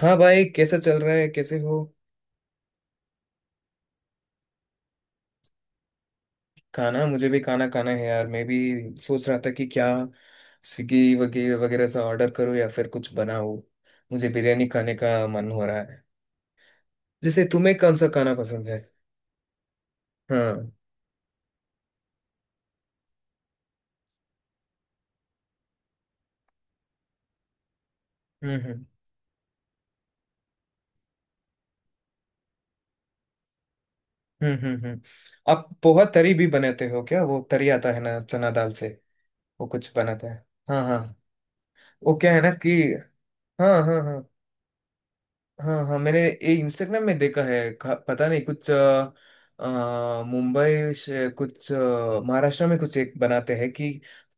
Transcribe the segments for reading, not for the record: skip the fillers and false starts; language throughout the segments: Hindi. हाँ भाई, कैसा चल रहा है? कैसे हो? खाना... मुझे भी खाना खाना है यार। मैं भी सोच रहा था कि क्या स्विगी वगैरह वगैरह से ऑर्डर करूँ या फिर कुछ बनाऊँ। मुझे बिरयानी खाने का मन हो रहा है। जैसे तुम्हें कौन सा खाना पसंद है? हाँ। हम्म हम्म हम्म हम्म हम्म। आप पोहा तरी भी बनाते हो क्या? वो तरी आता है ना, चना दाल से। वो कुछ बनाता है। हाँ हाँ। वो क्या है ना कि... हाँ हाँ हाँ, हाँ हाँ, मैंने ये इंस्टाग्राम में देखा है पता नहीं कुछ मुंबई से कुछ महाराष्ट्र में कुछ एक बनाते हैं कि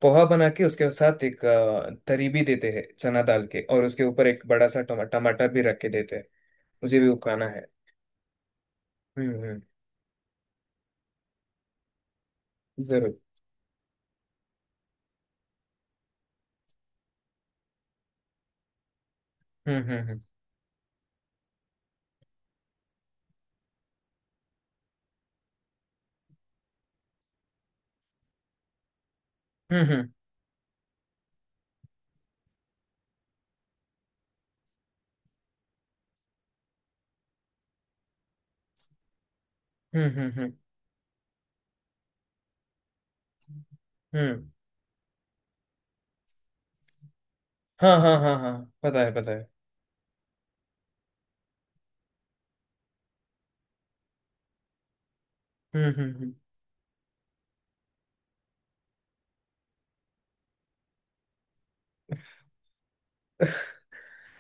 पोहा बना के उसके साथ एक तरी भी देते हैं चना दाल के, और उसके ऊपर एक बड़ा सा टमाटर भी रख के देते हैं। मुझे भी वो खाना है। हम्म। जरूर। हम्म हम्म हम्म हम्म हम्म हम्म हम्म हम्म। हाँ हाँ हाँ हाँ, पता है, पता है। हम्म हम्म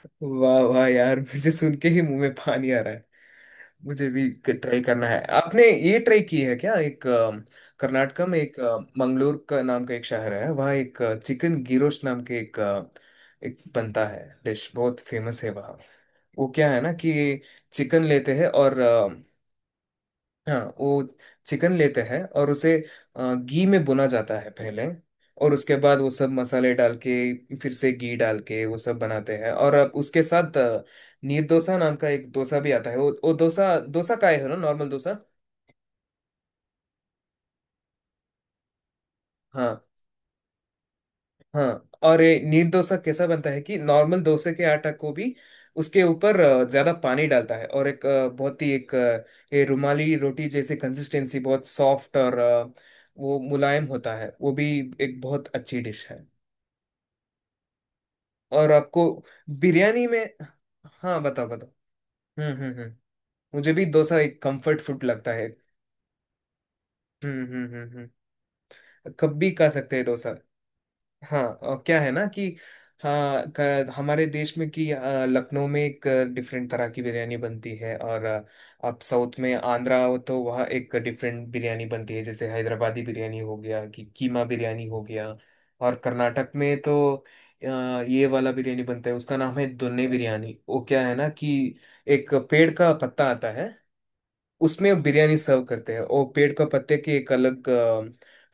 हम्म। वाह वाह यार! मुझे सुन के ही मुंह में पानी आ रहा है। मुझे भी ट्राई करना है। आपने ये ट्राई की है क्या? एक कर्नाटका में एक मंगलोर का नाम का एक शहर है, वहाँ एक चिकन गिरोश नाम के एक एक बनता है डिश, बहुत फेमस है वहाँ। वो क्या है ना कि चिकन लेते हैं और... हाँ, वो चिकन लेते हैं और उसे घी में भुना जाता है पहले। और उसके बाद वो सब मसाले डाल के, फिर से घी डाल के वो सब बनाते हैं, और अब उसके साथ नीर डोसा नाम का एक डोसा भी आता है। वो डोसा डोसा का है ना, नॉर्मल डोसा। हाँ हाँ, और ये नीर डोसा कैसा बनता है कि नॉर्मल डोसे के आटा को भी उसके ऊपर ज्यादा पानी डालता है, और एक बहुत ही एक ये रुमाली रोटी जैसी कंसिस्टेंसी, बहुत सॉफ्ट और वो मुलायम होता है। वो भी एक बहुत अच्छी डिश है। और आपको... बिरयानी में... हाँ, बताओ बताओ। हम्म। मुझे भी डोसा एक कंफर्ट फूड लगता है। हम्म। कब भी खा सकते हैं डोसा। हाँ, और क्या है ना कि... हाँ, हमारे देश में कि लखनऊ में एक डिफरेंट तरह की बिरयानी बनती है, और आप साउथ में आंध्रा हो तो वहाँ एक डिफरेंट बिरयानी बनती है, जैसे हैदराबादी बिरयानी हो गया कि कीमा बिरयानी हो गया। और कर्नाटक में तो अ, ये वाला बिरयानी बनता है, उसका नाम है दुन्ने बिरयानी। वो क्या है ना कि एक पेड़ का पत्ता आता है, उसमें बिरयानी सर्व करते हैं। वो पेड़ का पत्ते की एक अलग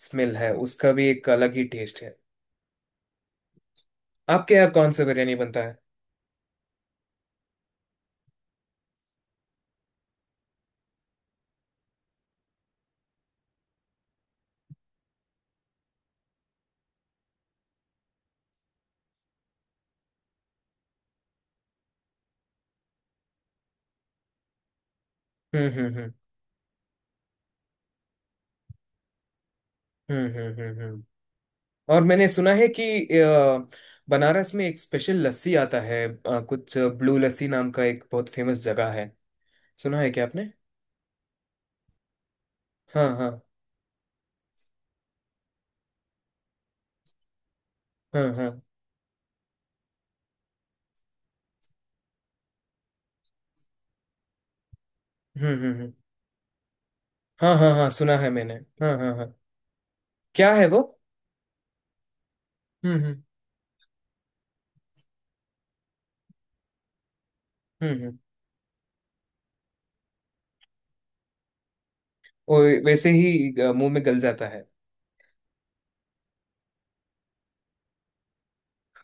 स्मेल है, उसका भी एक अलग ही टेस्ट है। आपके यहाँ कौन सा बिरयानी बनता है? हम्म हम्म हम्म हम्म हम्म हम्म हम्म। और मैंने सुना है कि अ, बनारस में एक स्पेशल लस्सी आता है, कुछ ब्लू लस्सी नाम का एक बहुत फेमस जगह है। सुना है क्या आपने? हाँ हाँ हाँ हाँ। हम्म। हाँ हाँ हाँ, सुना है मैंने। हाँ हाँ हाँ। क्या है वो? हम्म हम्म हम्म। वो वैसे ही मुंह में गल जाता है।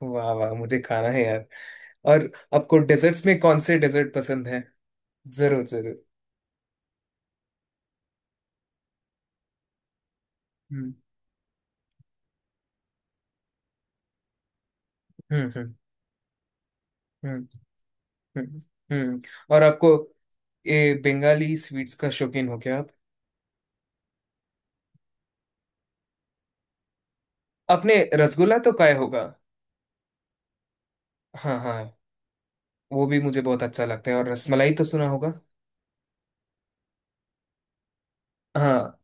वाह वाह! मुझे खाना है यार। और आपको डेजर्ट्स में कौन से डेजर्ट पसंद है? जरूर जरूर। हम्म हम्म हम्म हम्म। हम्म हम्म। और आपको ये बंगाली स्वीट्स का शौकीन हो क्या आप? आपने रसगुल्ला तो खाया होगा। हाँ हाँ, वो भी मुझे बहुत अच्छा लगता है। और रसमलाई तो सुना होगा। हाँ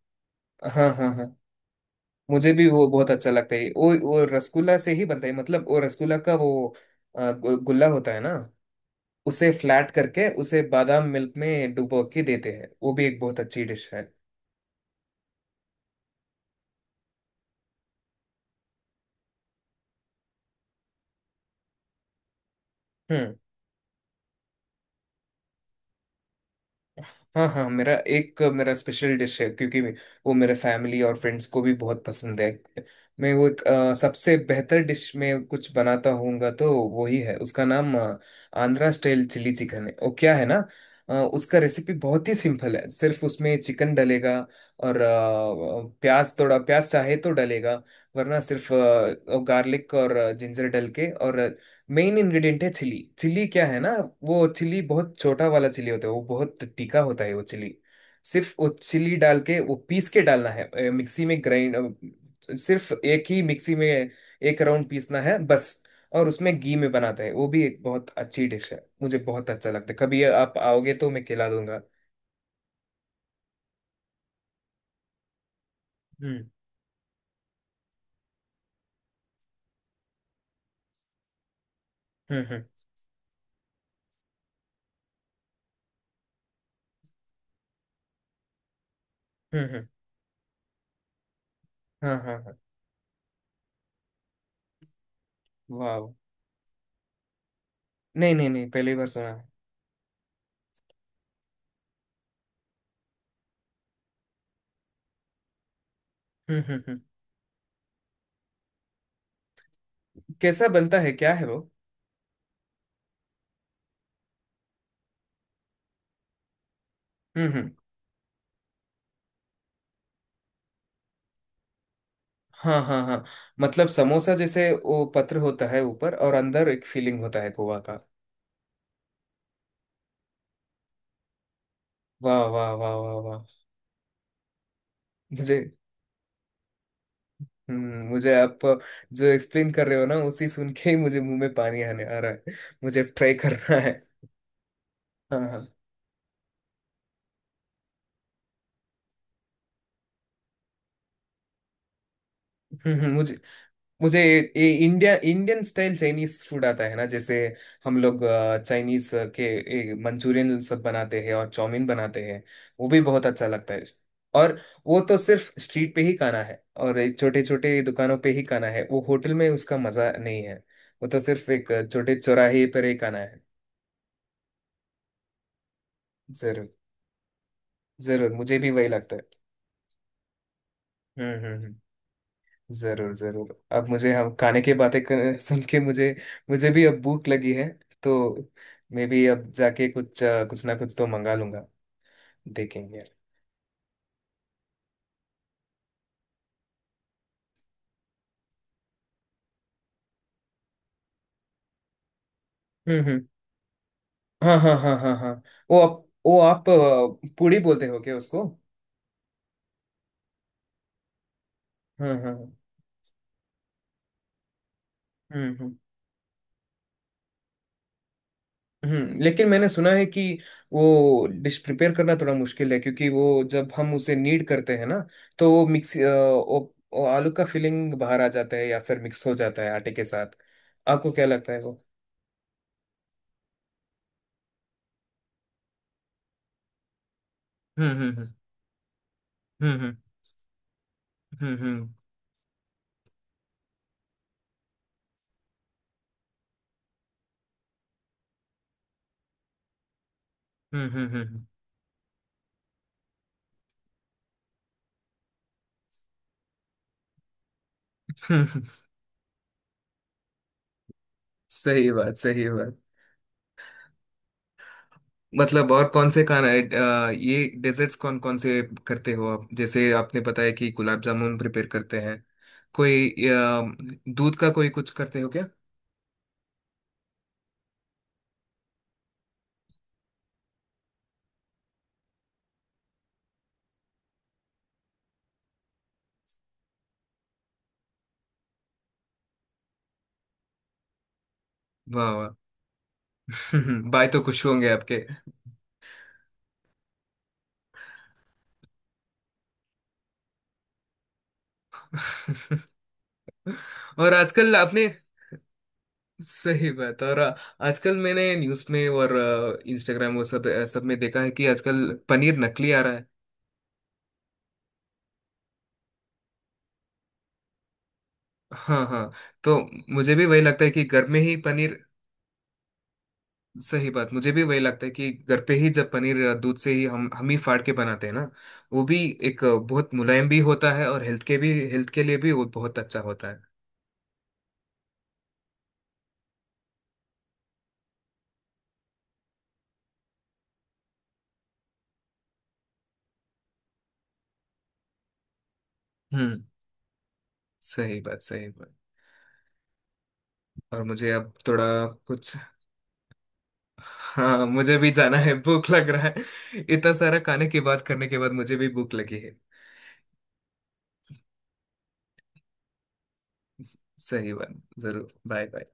हाँ हाँ हाँ, मुझे भी वो बहुत अच्छा लगता है। वो रसगुल्ला से ही बनता है, मतलब वो रसगुल्ला का वो गुल्ला होता है ना, उसे फ्लैट करके उसे बादाम मिल्क में डुबो के देते हैं। वो भी एक बहुत अच्छी डिश है। हम्म। हाँ हाँ, मेरा स्पेशल डिश है, क्योंकि वो मेरे फैमिली और फ्रेंड्स को भी बहुत पसंद है। मैं वो एक, सबसे बेहतर डिश में कुछ बनाता होऊंगा तो वही है, उसका नाम आंध्रा स्टाइल चिली चिकन है। वो क्या है ना, उसका रेसिपी बहुत ही सिंपल है। सिर्फ उसमें चिकन डलेगा और प्याज, थोड़ा प्याज चाहे तो डलेगा, वरना सिर्फ गार्लिक और जिंजर डल के। और मेन इंग्रेडिएंट है चिली। चिली क्या है ना, वो चिली बहुत छोटा वाला चिली होता है, वो बहुत तीखा होता है वो चिली। सिर्फ वो चिली डाल के, वो पीस के डालना है मिक्सी में ग्राइंड, सिर्फ एक ही मिक्सी में एक राउंड पीसना है बस। और उसमें घी में बनाते हैं। वो भी एक बहुत अच्छी डिश है, मुझे बहुत अच्छा लगता है। कभी आप आओगे तो मैं खिला दूंगा। हम्म हम्म हम्म हम्म। हम्म। हाँ हाँ हाँ। वाह! नहीं नहीं नहीं, पहली बार सुना है। हम्म। कैसा बनता है, क्या है वो? हम्म। हाँ हाँ हाँ, मतलब समोसा जैसे वो पत्र होता है ऊपर, और अंदर एक फीलिंग होता है गोवा का। वाह वाह वाह वाह वाह! मुझे मुझे आप जो एक्सप्लेन कर रहे हो ना, उसी सुन के ही मुझे मुंह में पानी आने आ रहा है। मुझे ट्राई करना है। हाँ हाँ। हम्म। मुझे मुझे ये India Indian style Chinese food आता है ना, जैसे हम लोग चाइनीज के मंचूरियन सब बनाते हैं और चाउमीन बनाते हैं, वो भी बहुत अच्छा लगता है। और वो तो सिर्फ स्ट्रीट पे ही खाना है, और छोटे छोटे दुकानों पे ही खाना है, वो होटल में उसका मजा नहीं है। वो तो सिर्फ एक छोटे चौराहे पर ही खाना है। जरूर जरूर, मुझे भी वही लगता है। हम्म हम्म हम्म। जरूर जरूर। अब मुझे हम खाने की बातें सुन के मुझे, मुझे भी अब भूख लगी है। तो मैं भी अब जाके कुछ कुछ ना कुछ तो मंगा लूंगा। देखेंगे यार। हम्म। हाँ हाँ हाँ हाँ हाँ। वो आप वो आप पूड़ी बोलते हो क्या उसको? हाँ हाँ हाँ। हम्म हम्म हम्म। लेकिन मैंने सुना है कि वो डिश प्रिपेयर करना थोड़ा मुश्किल है, क्योंकि वो जब हम उसे नीड करते हैं ना, तो वो मिक्स वो आलू का फिलिंग बाहर आ जाता है, या फिर मिक्स हो जाता है आटे के साथ। आपको क्या लगता है? हम्म हम्म हम्म हम्म हम्म हम्म हम्म हम्म, हम्म। सही बात, सही बात। मतलब और कौन से खाना है, ये डेजर्ट्स कौन कौन से करते हो आप, जैसे आपने बताया कि गुलाब जामुन प्रिपेयर करते हैं, कोई दूध का कोई कुछ करते हो क्या? वाह वाह! भाई तो खुश होंगे आपके। और आजकल आपने... सही बात। और आजकल मैंने न्यूज़ में और इंस्टाग्राम वो सब सब में देखा है कि आजकल पनीर नकली आ रहा है। हाँ हाँ। तो मुझे भी वही लगता है कि घर में ही पनीर... सही बात। मुझे भी वही लगता है कि घर पे ही जब पनीर दूध से ही हम ही फाड़ के बनाते हैं ना, वो भी एक बहुत मुलायम भी होता है, और हेल्थ के लिए भी वो बहुत अच्छा होता है। हम्म। सही बात, सही बात। और मुझे अब थोड़ा कुछ... हाँ, मुझे भी जाना है, भूख लग रहा है। इतना सारा खाने की बात करने के बाद मुझे भी भूख लगी है। सही बात। जरूर। Bye bye.